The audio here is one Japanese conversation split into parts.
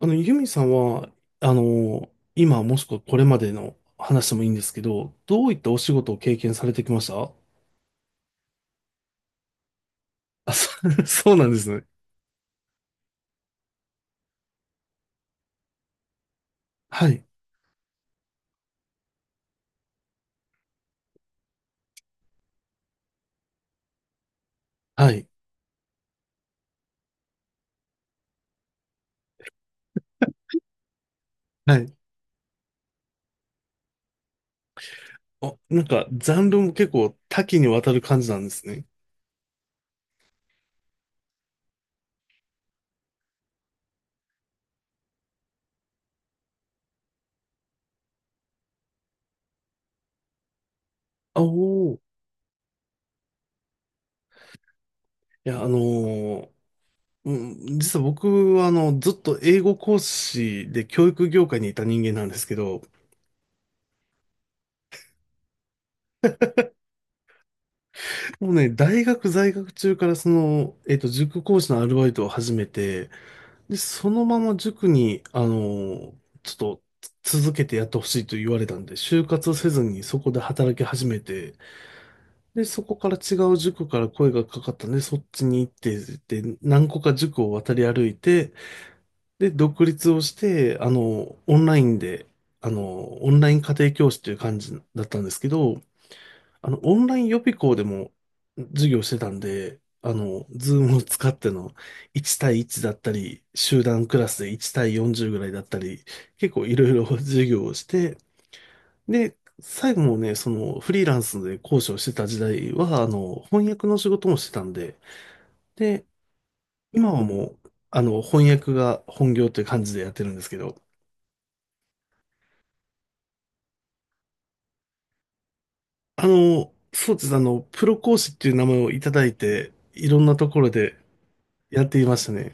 ユミさんは、今もしくはこれまでの話でもいいんですけど、どういったお仕事を経験されてきました？あ、そうなんですね。はい、はい、はい。あ、なんか、ジャンルも結構多岐にわたる感じなんですね。あおー。いや、うん、実は僕は、ずっと英語講師で教育業界にいた人間なんですけど、もうね、大学在学中からその、塾講師のアルバイトを始めて、で、そのまま塾に、あのーちょっと続けてやってほしいと言われたんで、就活せずにそこで働き始めて、で、そこから違う塾から声がかかったんで、そっちに行って、で、何個か塾を渡り歩いて、で、独立をして、オンラインで、オンライン家庭教師という感じだったんですけど、オンライン予備校でも授業してたんで、ズームを使っての1対1だったり、集団クラスで1対40ぐらいだったり、結構いろいろ 授業をして、で、最後もね、そのフリーランスで講師をしてた時代は、翻訳の仕事もしてたんで、で、今はもう、翻訳が本業という感じでやってるんですけど、そうですね、プロ講師っていう名前をいただいて、いろんなところでやっていましたね。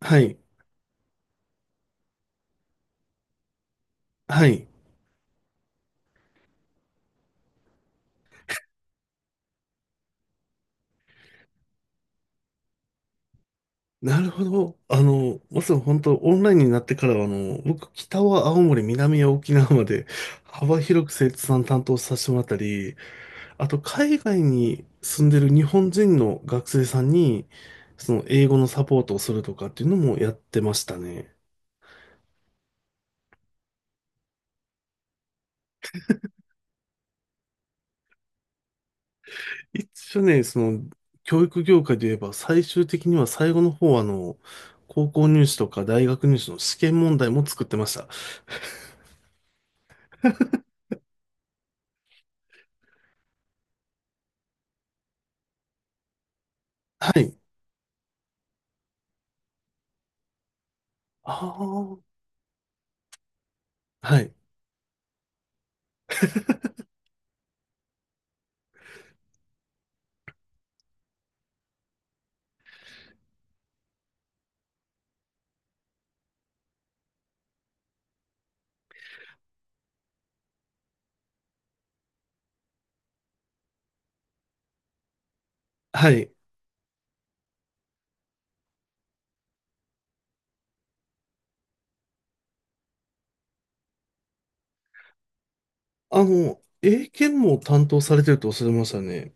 はい。はい。なるほど。まさに本当、オンラインになってからは、僕、北は青森、南は沖縄まで、幅広く生徒さん担当させてもらったり、あと、海外に住んでる日本人の学生さんに、その、英語のサポートをするとかっていうのもやってましたね。一応ね、その、教育業界で言えば、最終的には最後の方は、高校入試とか大学入試の試験問題も作ってました。はい。ああ、はい。はい。英検も担当されてるとおっしゃいましたね。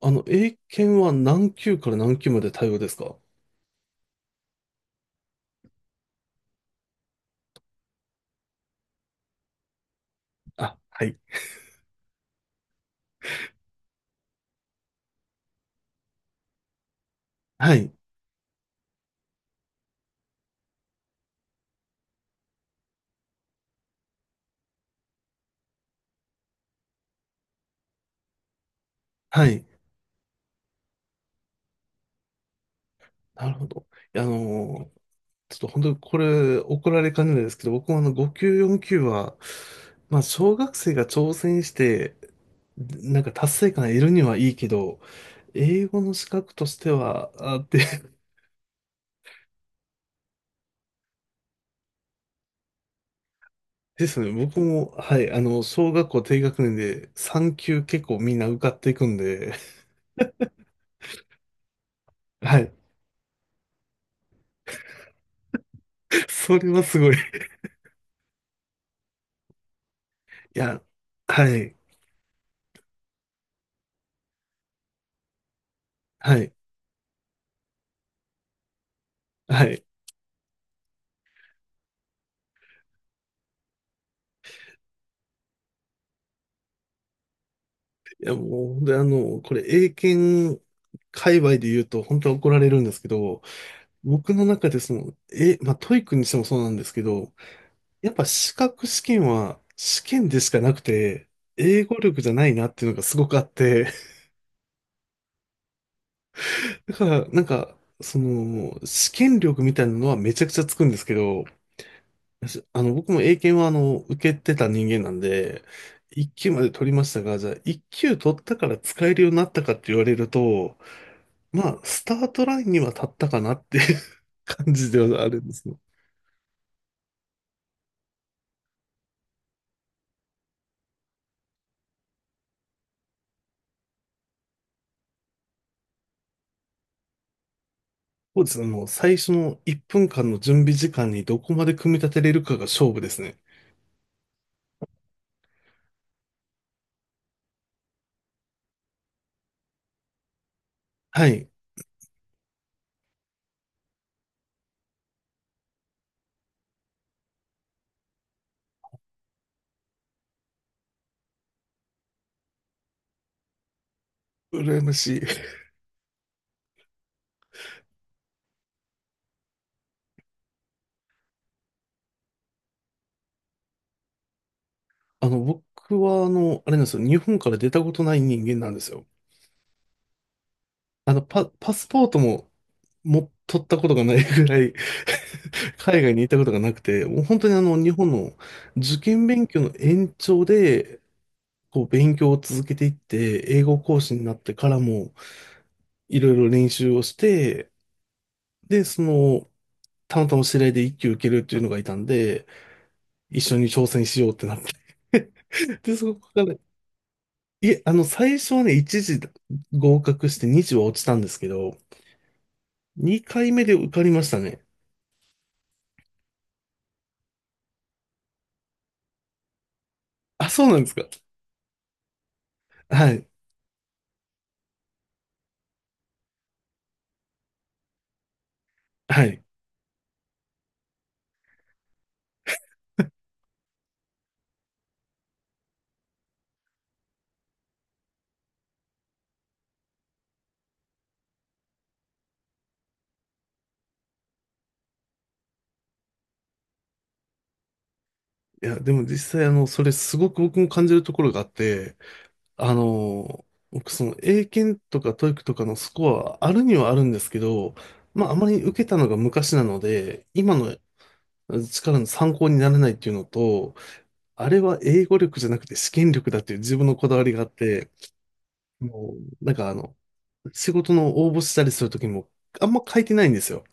英検は何級から何級まで対応ですか？あ、はい。はい。はい。なるほど。いやあのーちょっと本当にこれ怒られかねないですけど、僕もあの5級、4級は、まあ小学生が挑戦して、なんか達成感得るにはいいけど、英語の資格としては、あ、で、ですね、僕も、はい、小学校低学年で3級結構みんな受かっていくんで、はい。それはすごい。いや、はい、はい、はい。いや、もう、本当にこれ、英検界隈で言うと、本当は怒られるんですけど、僕の中でその、え、まあ、トイックにしてもそうなんですけど、やっぱ資格試験は試験でしかなくて、英語力じゃないなっていうのがすごくあって、だから、なんか、その、試験力みたいなのはめちゃくちゃつくんですけど、あの、僕も英検は受けてた人間なんで、1級まで取りましたが、じゃあ1級取ったから使えるようになったかって言われると、まあ、スタートラインには立ったかなっていう 感じではあるんですね。そうですね。もう最初の1分間の準備時間にどこまで組み立てれるかが勝負ですね。はい。羨ましい。僕はあれなんですよ。日本から出たことない人間なんですよ。あの、パスポートも、も、取ったことがないぐらい 海外に行ったことがなくて、もう本当に日本の受験勉強の延長で、こう、勉強を続けていって、英語講師になってからも、いろいろ練習をして、で、その、たまたま知り合いで一級受けるっていうのがいたんで、一緒に挑戦しようってなって で、そこから、いえ、最初はね、1次合格して2次は落ちたんですけど、2回目で受かりましたね。あ、そうなんですか。はい。はい。いや、でも実際、それすごく僕も感じるところがあって、あの、僕、その、英検とかトー e i とかのスコアはあるにはあるんですけど、まあ、あまり受けたのが昔なので、今の力の参考にならないっていうのと、あれは英語力じゃなくて試験力だっていう自分のこだわりがあって、もう、なんかあの、仕事の応募したりするときも、あんま書いてないんですよ。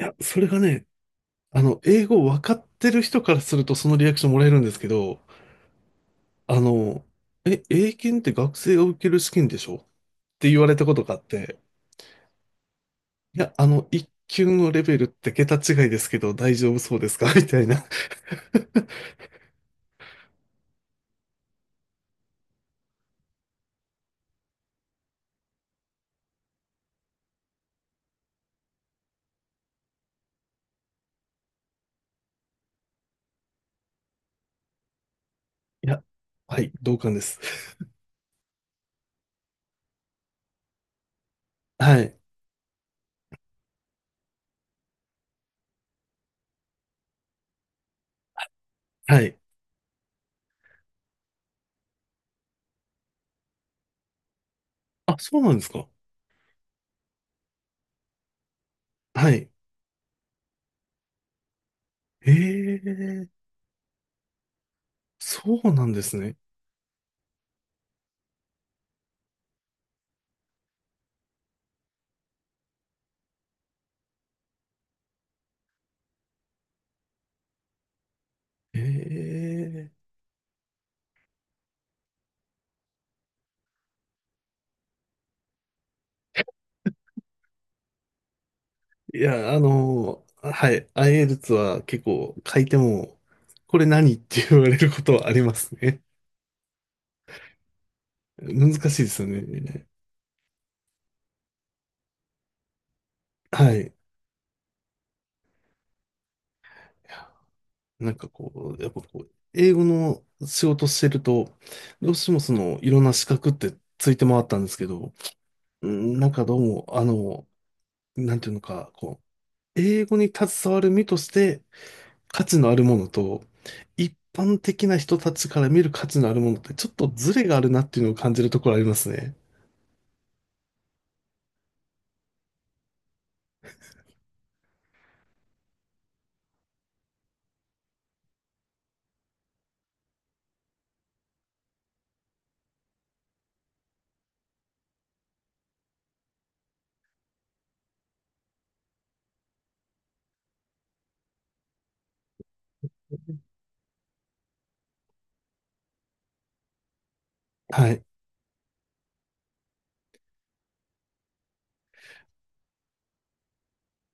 いや、それがね、英語分かってる人からするとそのリアクションもらえるんですけど、あの、え、英検って学生が受ける試験でしょって言われたことがあって、いや、一級のレベルって桁違いですけど大丈夫そうですか？ みたいな。いや、はい、同感です。はい、はい。あ、そうなんですか。はい。ええ、そうなんですね。ええ。いや、はい、IELTS は結構書いても、これ何って言われることはありますね。難しいですよね。はい。なんかこう、やっぱこう、英語の仕事してると、どうしてもその、いろんな資格ってついて回ったんですけど、うんなんかどうも、なんていうのか、こう、英語に携わる身として価値のあるものと、一般的な人たちから見る価値のあるものって、ちょっとズレがあるなっていうのを感じるところありますね。はい。